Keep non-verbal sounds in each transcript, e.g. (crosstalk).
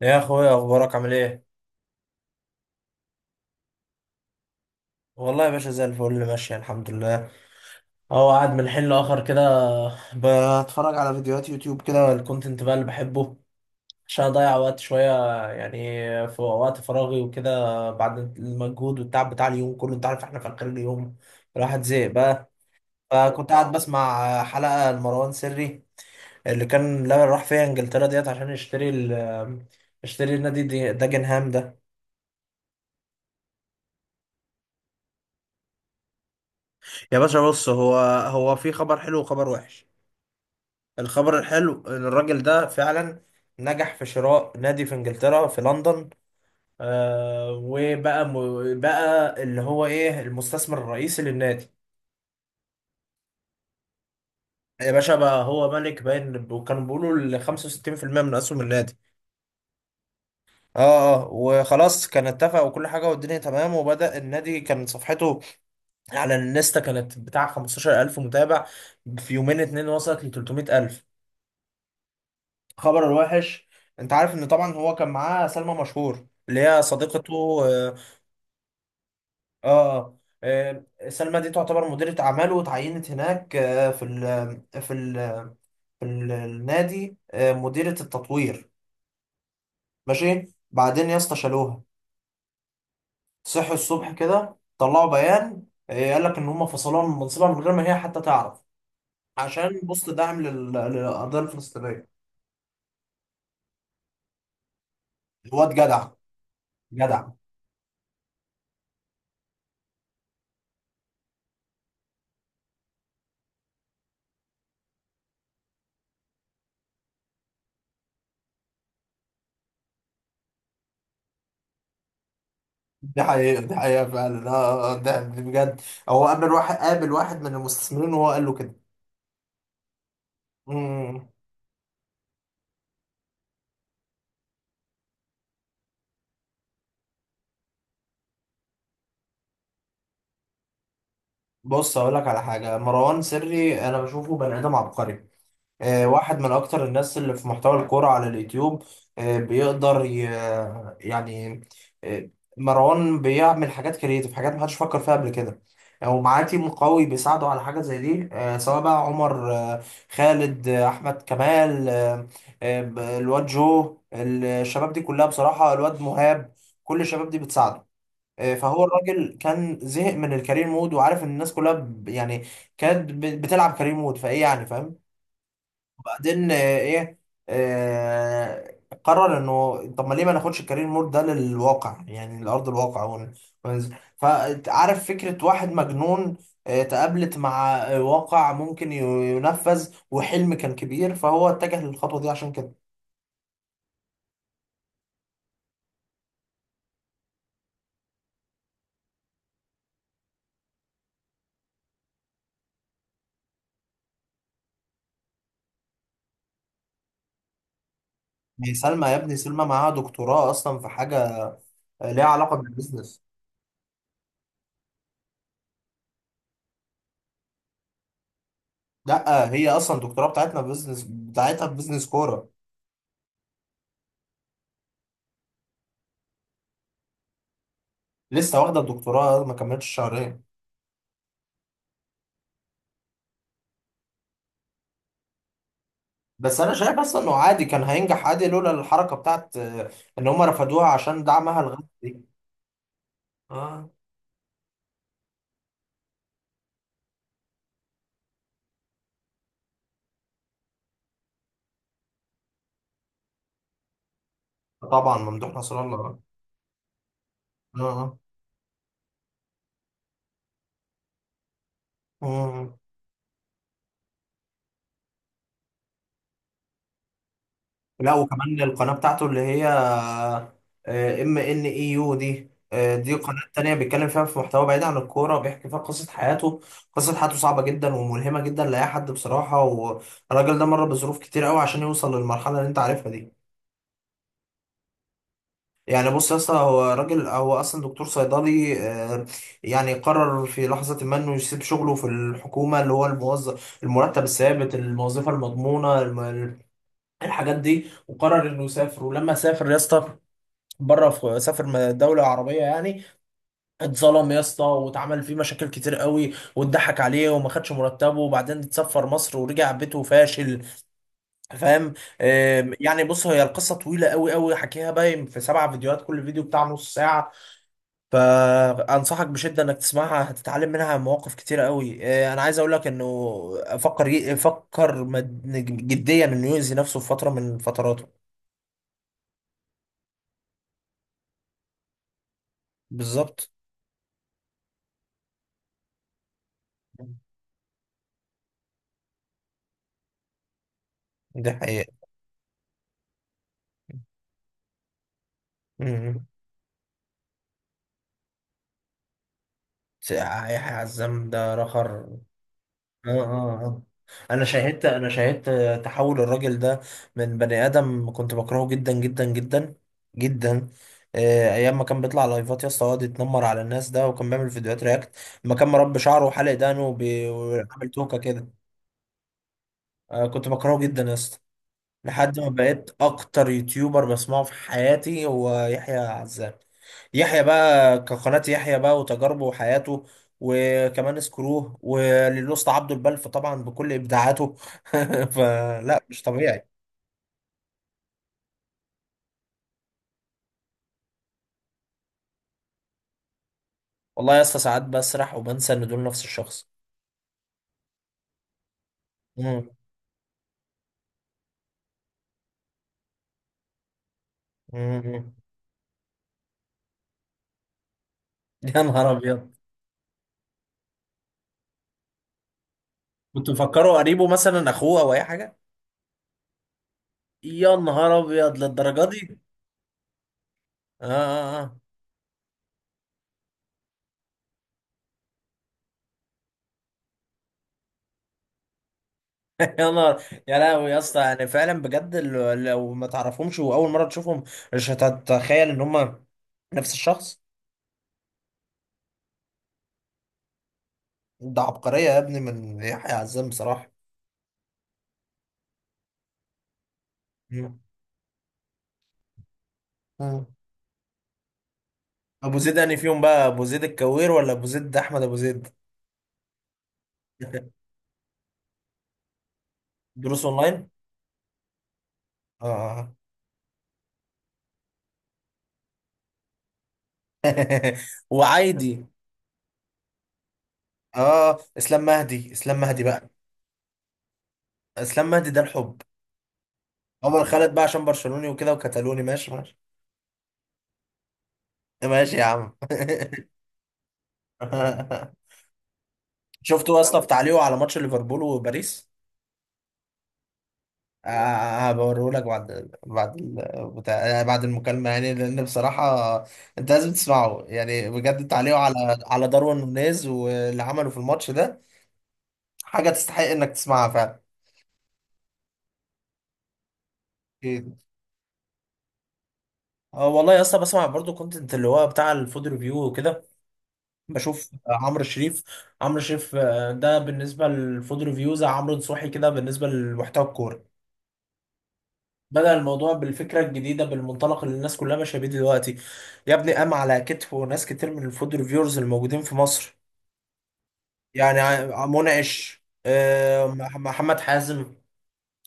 يا اخويا اخبارك عامل ايه؟ والله يا باشا زي الفل ماشي الحمد لله. اهو قاعد من حين لاخر كده، بتفرج على فيديوهات يوتيوب كده، الكونتنت بقى اللي بحبه عشان اضيع وقت شويه، يعني في وقت فراغي وكده، بعد المجهود والتعب بتاع اليوم كله. انت عارف احنا في اخر اليوم الواحد زهق بقى. فكنت قاعد بسمع حلقه لمروان سري اللي كان لا راح فيها انجلترا ديت عشان يشتري ال يشتري النادي داجنهام ده. يا باشا بص، هو هو في خبر حلو وخبر وحش. الخبر الحلو، الراجل ده فعلا نجح في شراء نادي في انجلترا في لندن. وبقى بقى اللي هو ايه المستثمر الرئيسي للنادي. يا باشا بقى هو ملك باين، وكانوا بيقولوا ال 65% من اسهم النادي. اه اه، وخلاص كان اتفق وكل حاجه والدنيا تمام، وبدأ النادي. كان صفحته على الانستا كانت بتاع 15,000 متابع، في يومين اتنين وصلت ل 300,000. خبر الوحش: انت عارف ان طبعا هو كان معاه سلمى مشهور اللي هي صديقته. اه اه. سلمى دي تعتبر مديرة اعماله، وتعينت هناك في ال في النادي، آه، مديرة التطوير. ماشي. بعدين يا اسطى شالوها. صحوا الصبح كده طلعوا بيان، قال لك ان هم فصلوها من منصبها من غير ما هي حتى تعرف، عشان بوست دعم للقضية الفلسطينية. الواد جدع، جدع. دي حقيقة دي حقيقة فعلا، اه ده بجد. هو قابل واحد من المستثمرين وهو قال له كده. امم. بص هقول لك على حاجة: مروان سري انا بشوفه بني ادم عبقري، واحد من أكتر الناس اللي في محتوى الكورة على اليوتيوب. آه، بيقدر ي... يعني، آه، مروان بيعمل حاجات كريتيف، حاجات محدش فكر فيها قبل كده. ومعاه تيم قوي بيساعده على حاجة زي دي، سواء بقى عمر، خالد، أحمد كمال، الواد جو، الشباب دي كلها، بصراحة الواد مهاب، كل الشباب دي بتساعده. فهو الراجل كان زهق من الكارير مود، وعارف ان الناس كلها يعني كانت بتلعب كارير مود فايه، يعني فاهم. بعدين آه، ايه آه قرر انه طب ما ليه ما ناخدش الكارير مود ده للواقع، يعني لارض الواقع، وننزل. فعارف فكره واحد مجنون تقابلت مع واقع ممكن ينفذ، وحلم كان كبير، فهو اتجه للخطوه دي عشان كده. يعني سلمى يا ابني، سلمى معاها دكتوراه اصلا في حاجه ليها علاقه بالبيزنس. لا هي اصلا الدكتوراه بتاعتنا في بيزنس، بتاعتها في بيزنس كوره. لسه واخده الدكتوراه ما كملتش شهرين. بس انا شايف اصلا انه عادي كان هينجح عادي لولا الحركه بتاعت ان هم رفضوها عشان دعمها الغزو دي. اه. طبعا ممدوح نصر الله. اه اه. مم. لا، وكمان القناه بتاعته اللي هي ام ان اي يو دي دي قناه تانية بيتكلم فيها في محتوى بعيد عن الكوره، وبيحكي فيها قصه حياته. قصه حياته صعبه جدا وملهمه جدا لاي حد بصراحه، والراجل ده مر بظروف كتير قوي عشان يوصل للمرحله اللي انت عارفها دي. يعني بص يا اسطى، هو راجل، هو اصلا دكتور صيدلي، يعني قرر في لحظه ما انه يسيب شغله في الحكومه، اللي هو الموظف المرتب الثابت الوظيفه المضمونه، الحاجات دي، وقرر انه يسافر. ولما سافر يا اسطى، بره في سافر دولة عربية يعني، اتظلم يا اسطى، واتعمل فيه مشاكل كتير قوي، واتضحك عليه، وما خدش مرتبه، وبعدين اتسفر مصر ورجع بيته فاشل، فاهم. يعني بص، هي القصة طويلة قوي قوي، حكيها باين في 7 فيديوهات، كل فيديو بتاع نص ساعة. فانصحك بشده انك تسمعها، هتتعلم منها مواقف كتير قوي. انا عايز اقول لك انه فكر فكر جديا انه يؤذي نفسه في فتره من فتراته. بالظبط. دي حقيقه. م. ساعة- هيحيى عزام ده رخر. اه اه اه، انا شاهدت، انا شاهدت تحول الراجل ده من بني ادم كنت بكرهه جدا جدا جدا جدا. ايام ما كان بيطلع لايفات يا اسطى، يقعد يتنمر على الناس ده، وكان بيعمل فيديوهات رياكت لما كان مربي شعره وحلق دقنه وعامل توكه كده. كنت بكرهه جدا يا اسطى، لحد ما بقيت اكتر يوتيوبر بسمعه في حياتي هو يحيى عزام. يحيى بقى كقناة، يحيى بقى وتجاربه وحياته، وكمان سكروه وللأسطى عبده البلف طبعا بكل إبداعاته. (laughs) فلا، مش طبيعي. والله يا اسطى، ساعات بسرح وبنسى إن دول نفس الشخص. مم. مم. (laughs) يا نهار أبيض. كنت مفكره قريبه مثلا، أخوه أو أي حاجة. يا نهار أبيض للدرجة دي. آه آه آه. (laughs) يا نهار. يا لهوي يا اسطى، يعني فعلا بجد لو ما تعرفهمش وأول مرة تشوفهم، مش هتتخيل إن هما نفس الشخص. ده عبقرية يا ابني من يحيى عزام بصراحة. مم. مم. ابو زيد انهي فيهم بقى؟ ابو زيد الكوير ولا ابو زيد احمد ابو زيد؟ (laughs) دروس اونلاين. اه. (laughs) وعايدي. اه، اسلام مهدي، اسلام مهدي بقى. اسلام مهدي ده الحب. عمر خالد بقى عشان برشلوني وكده وكتالوني. ماشي ماشي. (laughs) ماشي يا عم. (laughs) شفتوا يا اسطى في تعليقه على ماتش ليفربول وباريس؟ هبوريهولك بعد بتاع، يعني بعد المكالمة، يعني لأن بصراحة أنت لازم تسمعه، يعني بجد التعليق على داروين نونيز واللي عمله في الماتش ده حاجة تستحق إنك تسمعها فعلا. أكيد. اه والله يا اسطى، بسمع برضو كونتنت اللي هو بتاع الفود ريفيو وكده. بشوف عمرو شريف. عمرو شريف، ده بالنسبة للفود ريفيو زي عمرو نصوحي كده بالنسبة لمحتوى الكورة. بدأ الموضوع بالفكرة الجديدة بالمنطلق اللي الناس كلها ماشية بيه دلوقتي. يا ابني قام على كتفه ناس كتير من الفود ريفيورز الموجودين في مصر. يعني منعش، محمد حازم.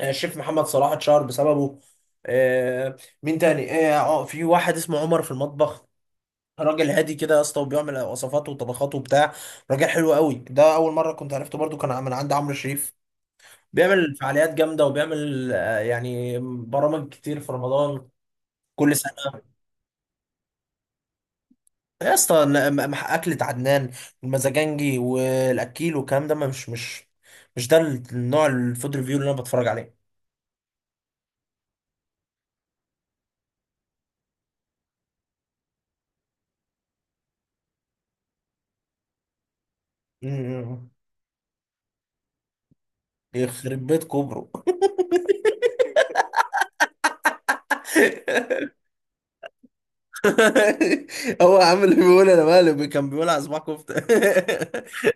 الشيف محمد صلاح اتشهر بسببه. آه، مين تاني في واحد اسمه عمر في المطبخ، راجل هادي كده يا اسطى، وبيعمل وصفات وطبخات وبتاع، راجل حلو قوي ده. اول مره كنت عرفته برضو كان من عند عمرو شريف. بيعمل فعاليات جامده، وبيعمل يعني برامج كتير في رمضان كل سنه. يا اسطى لا، اكلة عدنان والمزاجنجي والاكيل والكلام ده، مش مش ده النوع الفود ريفيو اللي انا بتفرج عليه. أمم. يخرب بيت كوبرو. (laughs) هو عامل ايه؟ بيقول انا مقلب، كان بيقول على صباع كفته. (laughs)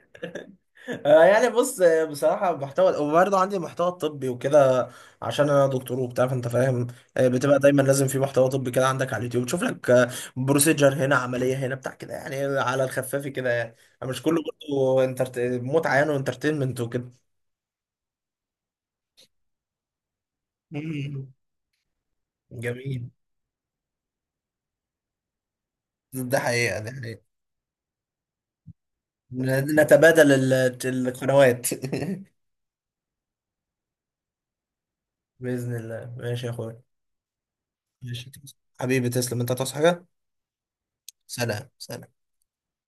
يعني بص، بصراحة محتوى، وبرضه عندي محتوى طبي وكده، عشان أنا دكتور وبتاع، فأنت فاهم. بتبقى دايما لازم في محتوى طبي كده عندك على اليوتيوب، تشوف لك، بروسيجر هنا، عملية هنا بتاع كده، يعني على الخفاف كده يعني. مش كله برضه متعة يعني، وانترتينمنت وكده. مم. جميل. ده حقيقة ده حقيقة. نتبادل القنوات. (laughs) بإذن الله. ماشي يا أخويا. ماشي حبيبي، تسلم أنت، تصحى حاجة. سلام سلام.